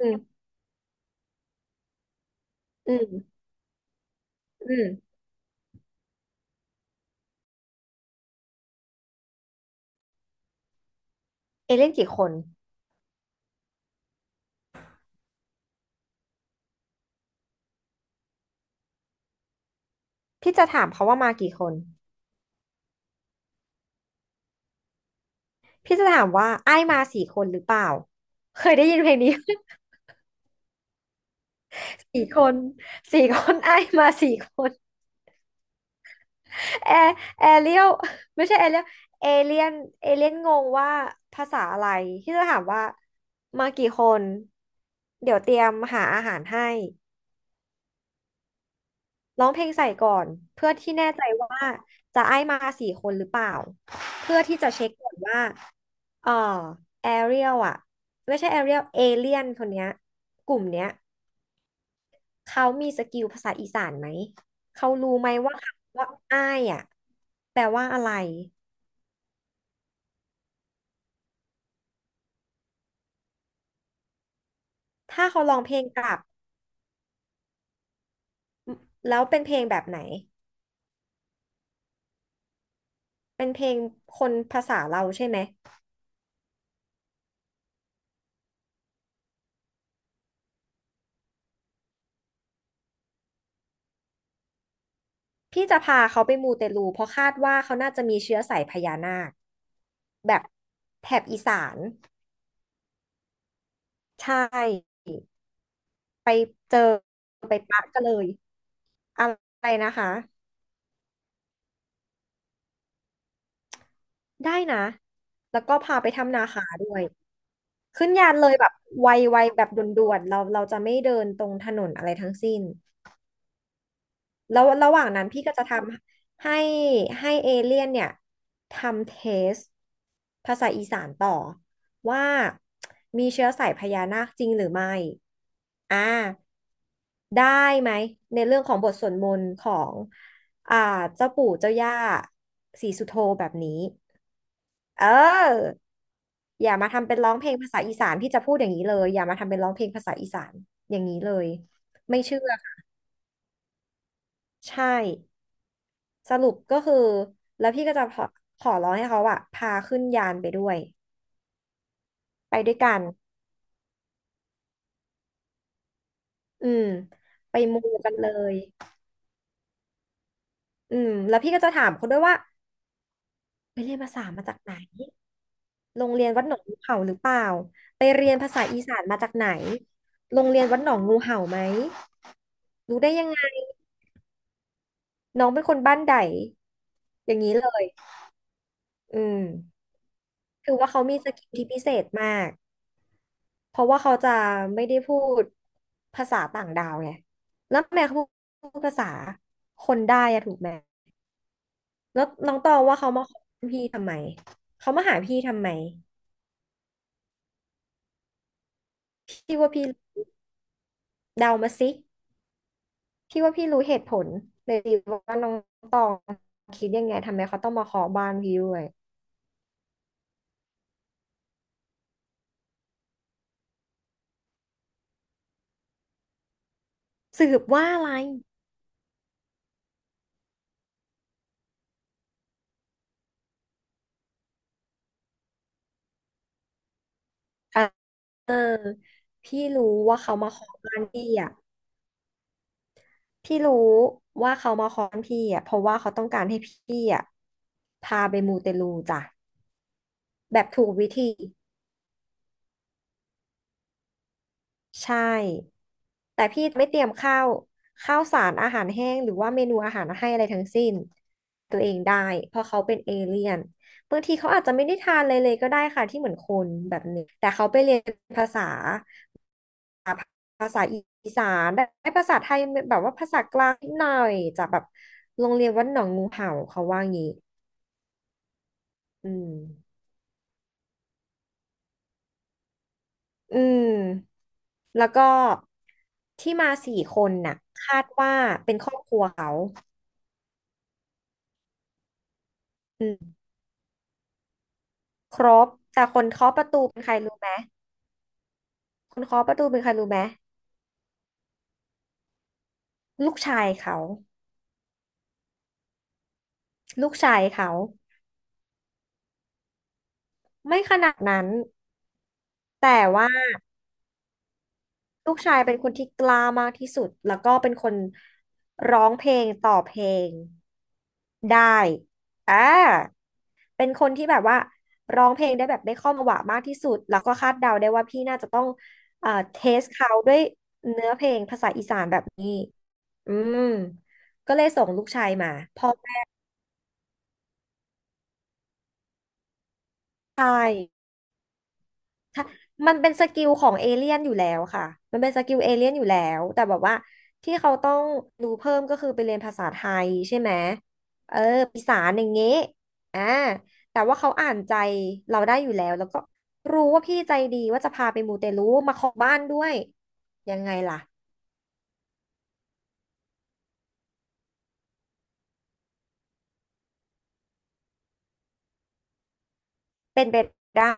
อืมอืมอืมเอเล่นกี่คนพี่จะถามเขาว่ามากี่คนพี่จะถามว่าไอ้มาสี่คนหรือเปล่าเคยได้ยินเพลงนี้ สี่คนสี่คนไอ้มาสี่คนแอร์แอเรียลไม่ใช่แอเรียลเอเลียนเอเลียนงงว่าภาษาอะไรพี่จะถามว่ามากี่คนเดี๋ยวเตรียมหาอาหารให้ ร้องเพลงใส่ก่อนเพื่อที่แน่ใจว่าจะไอ้มาสี่คนหรือเปล่าเพื่อที่จะเช็คก่อนว่าเออแอเรียลอะไม่ใช่แอเรียลเอเลียนคนเนี้ยกลุ่มเนี้ยเขามีสกิลภาษาอีสานไหมเขารู้ไหมว่าคำว่าอ้ายอะแปลว่าอะไรถ้าเขาร้องเพลงกลับแล้วเป็นเพลงแบบไหนเป็นเพลงคนภาษาเราใช่ไหม พี่จะพาเขาไปมูเตลูเพราะคาดว่าเขาน่าจะมีเชื้อสายพญานาคแบบแถบอีสานใช่ไปเจอไปปะกันเลยอะไรนะคะได้นะแล้วก็พาไปทำนาคาด้วยขึ้นยานเลยแบบไวๆแบบด่วนๆเราจะไม่เดินตรงถนนอะไรทั้งสิ้น แล้วระหว่างนั้นพี่ก็จะทำให้เอเลี่ยนเนี่ยทำเทสภาษาอีสานต่อว่ามีเชื้อสายพญานาคจริงหรือไม่อ่าได้ไหมในเรื่องของบทสวดมนต์ของอ่าเจ้าปู่เจ้าย่าศรีสุโธแบบนี้เอออย่ามาทำเป็นร้องเพลงภาษาอีสานพี่จะพูดอย่างนี้เลยอย่ามาทำเป็นร้องเพลงภาษาอีสานอย่างนี้เลยไม่เชื่อค่ะใช่ สรุปก็คือแล้วพี่ก็จะขอขอร้องให้เขาอะพาขึ้นยานไปด้วยไปด้วยกันอืมไปมูกันเลยอืมแล้วพี่ก็จะถามเขาด้วยว่าไปเรียนภาษามาจากไหนโรงเรียนวัดหนองงูเห่าหรือเปล่าไปเรียนภาษาอีสานมาจากไหนโรงเรียนวัดหนองงูเห่าไหมรู้ได้ยังไงน้องเป็นคนบ้านใดอย่างนี้เลยอืมคือว่าเขามีสกิลที่พิเศษมาก เพราะว่าเขาจะไม่ได้พูดภาษาต่างดาวไงแล้วแม่เขาพูดภาษาคนได้อะถูกไหมแล้วน้องตองว่าเขามาขอพี่ทำไมเขามาหาพี่ทำไมพี่ว่าพี่เดามาสิพี่ว่าพี่รู้เหตุผลเลยสิว่าน้องตองคิดยังไงทำไมเขาต้องมาขอบ้านพี่ด้วยสืบว่าอะไรเออพี่รู้ว่าเขามาขอบ้านพี่อ่ะ พี่รู้ว่าเขามาค้อนพี่อ่ะเพราะว่าเขาต้องการให้พี่อ่ะพาไปมูเตลูจ้ะแบบถูกวิธี ใช่แต่พี่ไม่เตรียมข้าวข้าวสารอาหารแห้งหรือว่าเมนูอาหารให้อะไรทั้งสิ้นตัวเองได้เพราะเขาเป็นเอเลี่ยนบางทีเขาอาจจะไม่ได้ทานอะไรเลยก็ได้ค่ะที่เหมือนคนแบบนี้แต่เขาไปเรียนภาษาภาษาอีสานได้ภาษาไทยแบบว่าภาษากลางนิดหน่อยจากแบบโรงเรียนวัดหนองงูเห่าเขาว่างี้อืมอืมแล้วก็ที่มาสี่คนน่ะคาดว่าเป็นครอบครัวเขา อืมครบแต่คนเคาะประตูเป็นใครรู้ไหมคนเคาะประตูเป็นใครรู้ไหมลูกชายเขาลูกชายเขาไม่ขนาดนั้นแต่ว่าลูกชายเป็นคนที่กล้ามากที่สุดแล้วก็เป็นคนร้องเพลงต่อเพลงได้อ่า เป็นคนที่แบบว่าร้องเพลงได้แบบได้ข้อมาหวะมากที่สุดแล้วก็คาดเดาได้ว่าพี่น่าจะต้องเทสเขาด้วยเนื้อเพลงภาษาอีสานแบบนี้ อืม ก็เลยส่งลูกชายมาพ่อแม่ใช่ มันเป็นสกิลของเอเลี่ยนอยู่แล้วค่ะมันเป็นสกิลเอเลี่ยนอยู่แล้วแต่แบบว่าที่เขาต้องรู้เพิ่มก็คือไปเรียนภาษาไทยใช่ไหมเออปีสาอย่างเงี้ยอ่าแต่ว่าเขาอ่านใจเราได้อยู่แล้วแล้วก็รู้ว่าพี่ใจดีว่าจะพาไปมูเตลูมาขอบ้านด้วยยังไงล่ะเป็นไปได้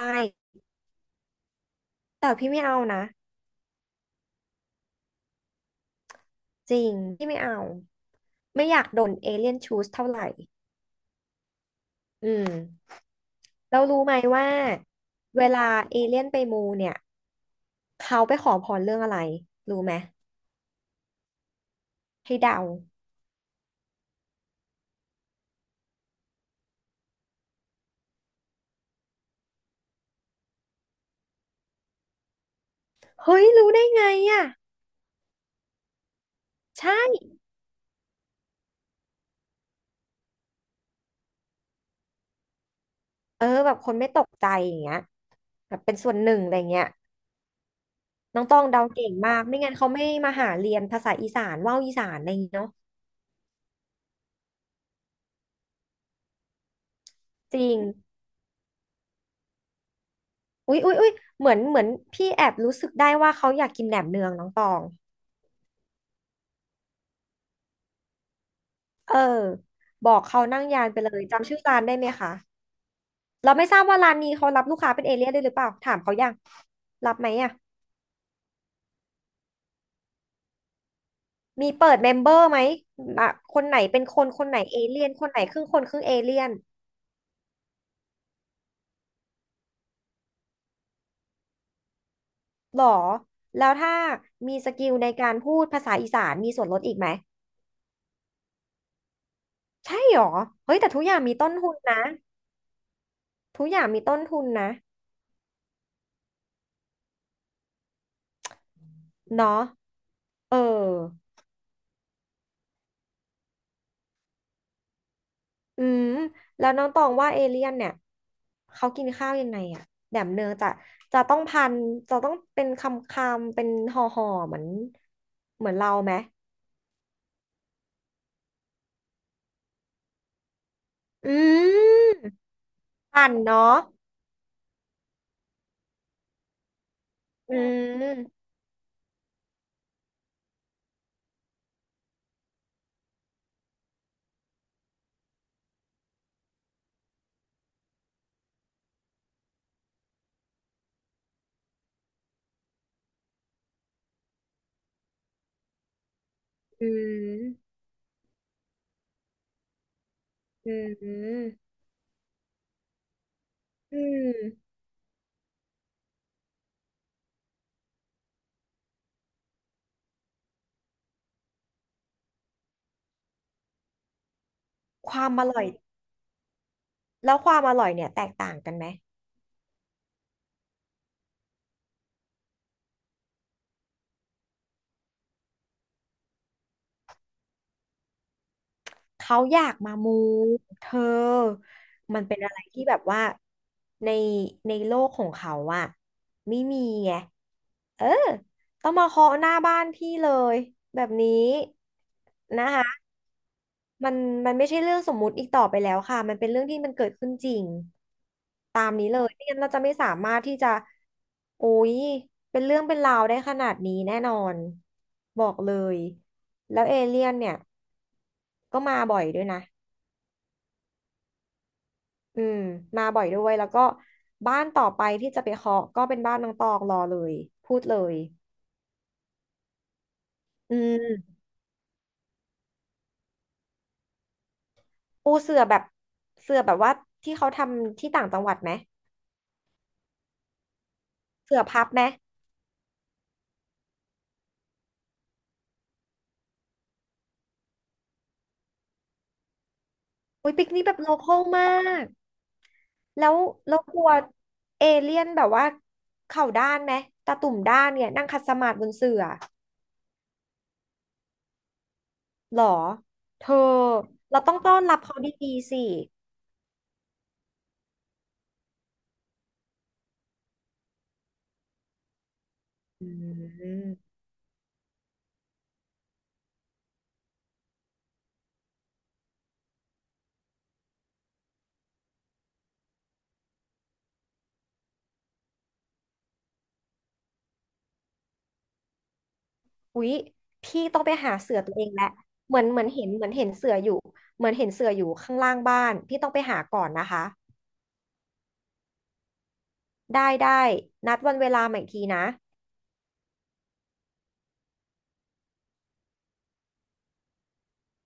แต่พี่ไม่เอานะจริงพี่ไม่เอาไม่อยากโดนเอเลี่ยนชูสเท่าไหร่ อืมเรารู้ไหมว่าเวลาเอเลี่ยนไปมูเนี่ยเขาไปขอพรเรื่องอะไรรู้ไหมให้เดาเฮ้ยรู้ได้ไงอ่ะใช่เออแบบคนไม่ตกใจอย่างเงี้ยแบบเป็นส่วนหนึ่งอะไรเงี้ยน้องต้องเดาเก่งมากไม่งั้นเขาไม่มาหาเรียนภาษาอีสานว่าวอีสานอะไรอย่างเงี้เนาะจริงอุ๊ยเหมือนพี่แอบรู้สึกได้ว่าเขาอยากกินแหนมเนืองน้องตองเออบอกเขานั่งยานไปเลยจำชื่อร้านได้ไหมคะ เราไม่ทราบว่าร้านนี้เขารับลูกค้าเป็นเอเลี่ยนด้วยหรือเปล่าถามเขายังรับไหมอ่ะมีเปิดเมมเบอร์ไหมอ่ะคนไหนเป็นคนไหนเอเลี่ยนคนไหนครึ่งคนครึ่งเอเลี่ยนหรอแล้วถ้ามีสกิลในการพูดภาษาอีสานมีส่วนลดอีกไหมใช่หรอเฮ้ยแต่ทุกอย่างมีต้นทุนนะทุกอย่างมีต้นทุนนะเนาะเออ อืมแล้วน้องตองว่าเอเลี่ยนเนี่ยเขากินข้าวยังไงอะแบบเนื้อจะจะต้องพันจะต้องเป็นคำคำเป็นห่อห่อเหมือนเราไหมอืมพันเนาะอืมอืมอืมอืมความอร่อยแล้วความอร่อยเนี่ยแตกต่างกันไหม เขาอยากมามูเธอมันเป็นอะไรที่แบบว่าในในโลกของเขาอะไม่มีไงเออต้องมาเคาะหน้าบ้านพี่เลยแบบนี้นะคะมันมันไม่ใช่เรื่องสมมุติอีกต่อไปแล้วค่ะมันเป็นเรื่องที่มันเกิดขึ้นจริงนนี้เลยไม่งั้นเราจะไม่สามารถที่จะโอ้ยเป็นเรื่องเป็นราวได้ขนาดนี้แน่นอนบอกเลยแล้วเอเลี่ยนเนี่ยก็มาบ่อยด้วยนะ อืมมาบ่อยด้วยแล้วก็บ้านต่อไปที่จะไปเคาะก็เป็นบ้านน้องตองรอเลยพูดเลยอืมปูเสื่อแบบเสื่อแบบว่าที่เขาทำที่ต่างจังหวัดไหมเสื่อพับไหมอุ้ยปิกนี่แบบโลคอลมากแล้วแล้วกลัวเอเลี่ยนแบบว่าเข่าด้านไหมตาตุ่มด้านเนี่ยนั่งคัดสมาธิบนเสื่อหรอเธอเราต้องต้อนรับเขาดีๆสิอืม อุ๊ยพี่ต้องไปหาเสือตัวเองแหละเหมือนเห็นเสืออยู่ เหมือนเห็นเสืออยู่ข้างล่างบ้าน พี่ต้องไปหาก่อนนะคะ ได้ได้ นัดวันเวลาใหม่อีกทีนะ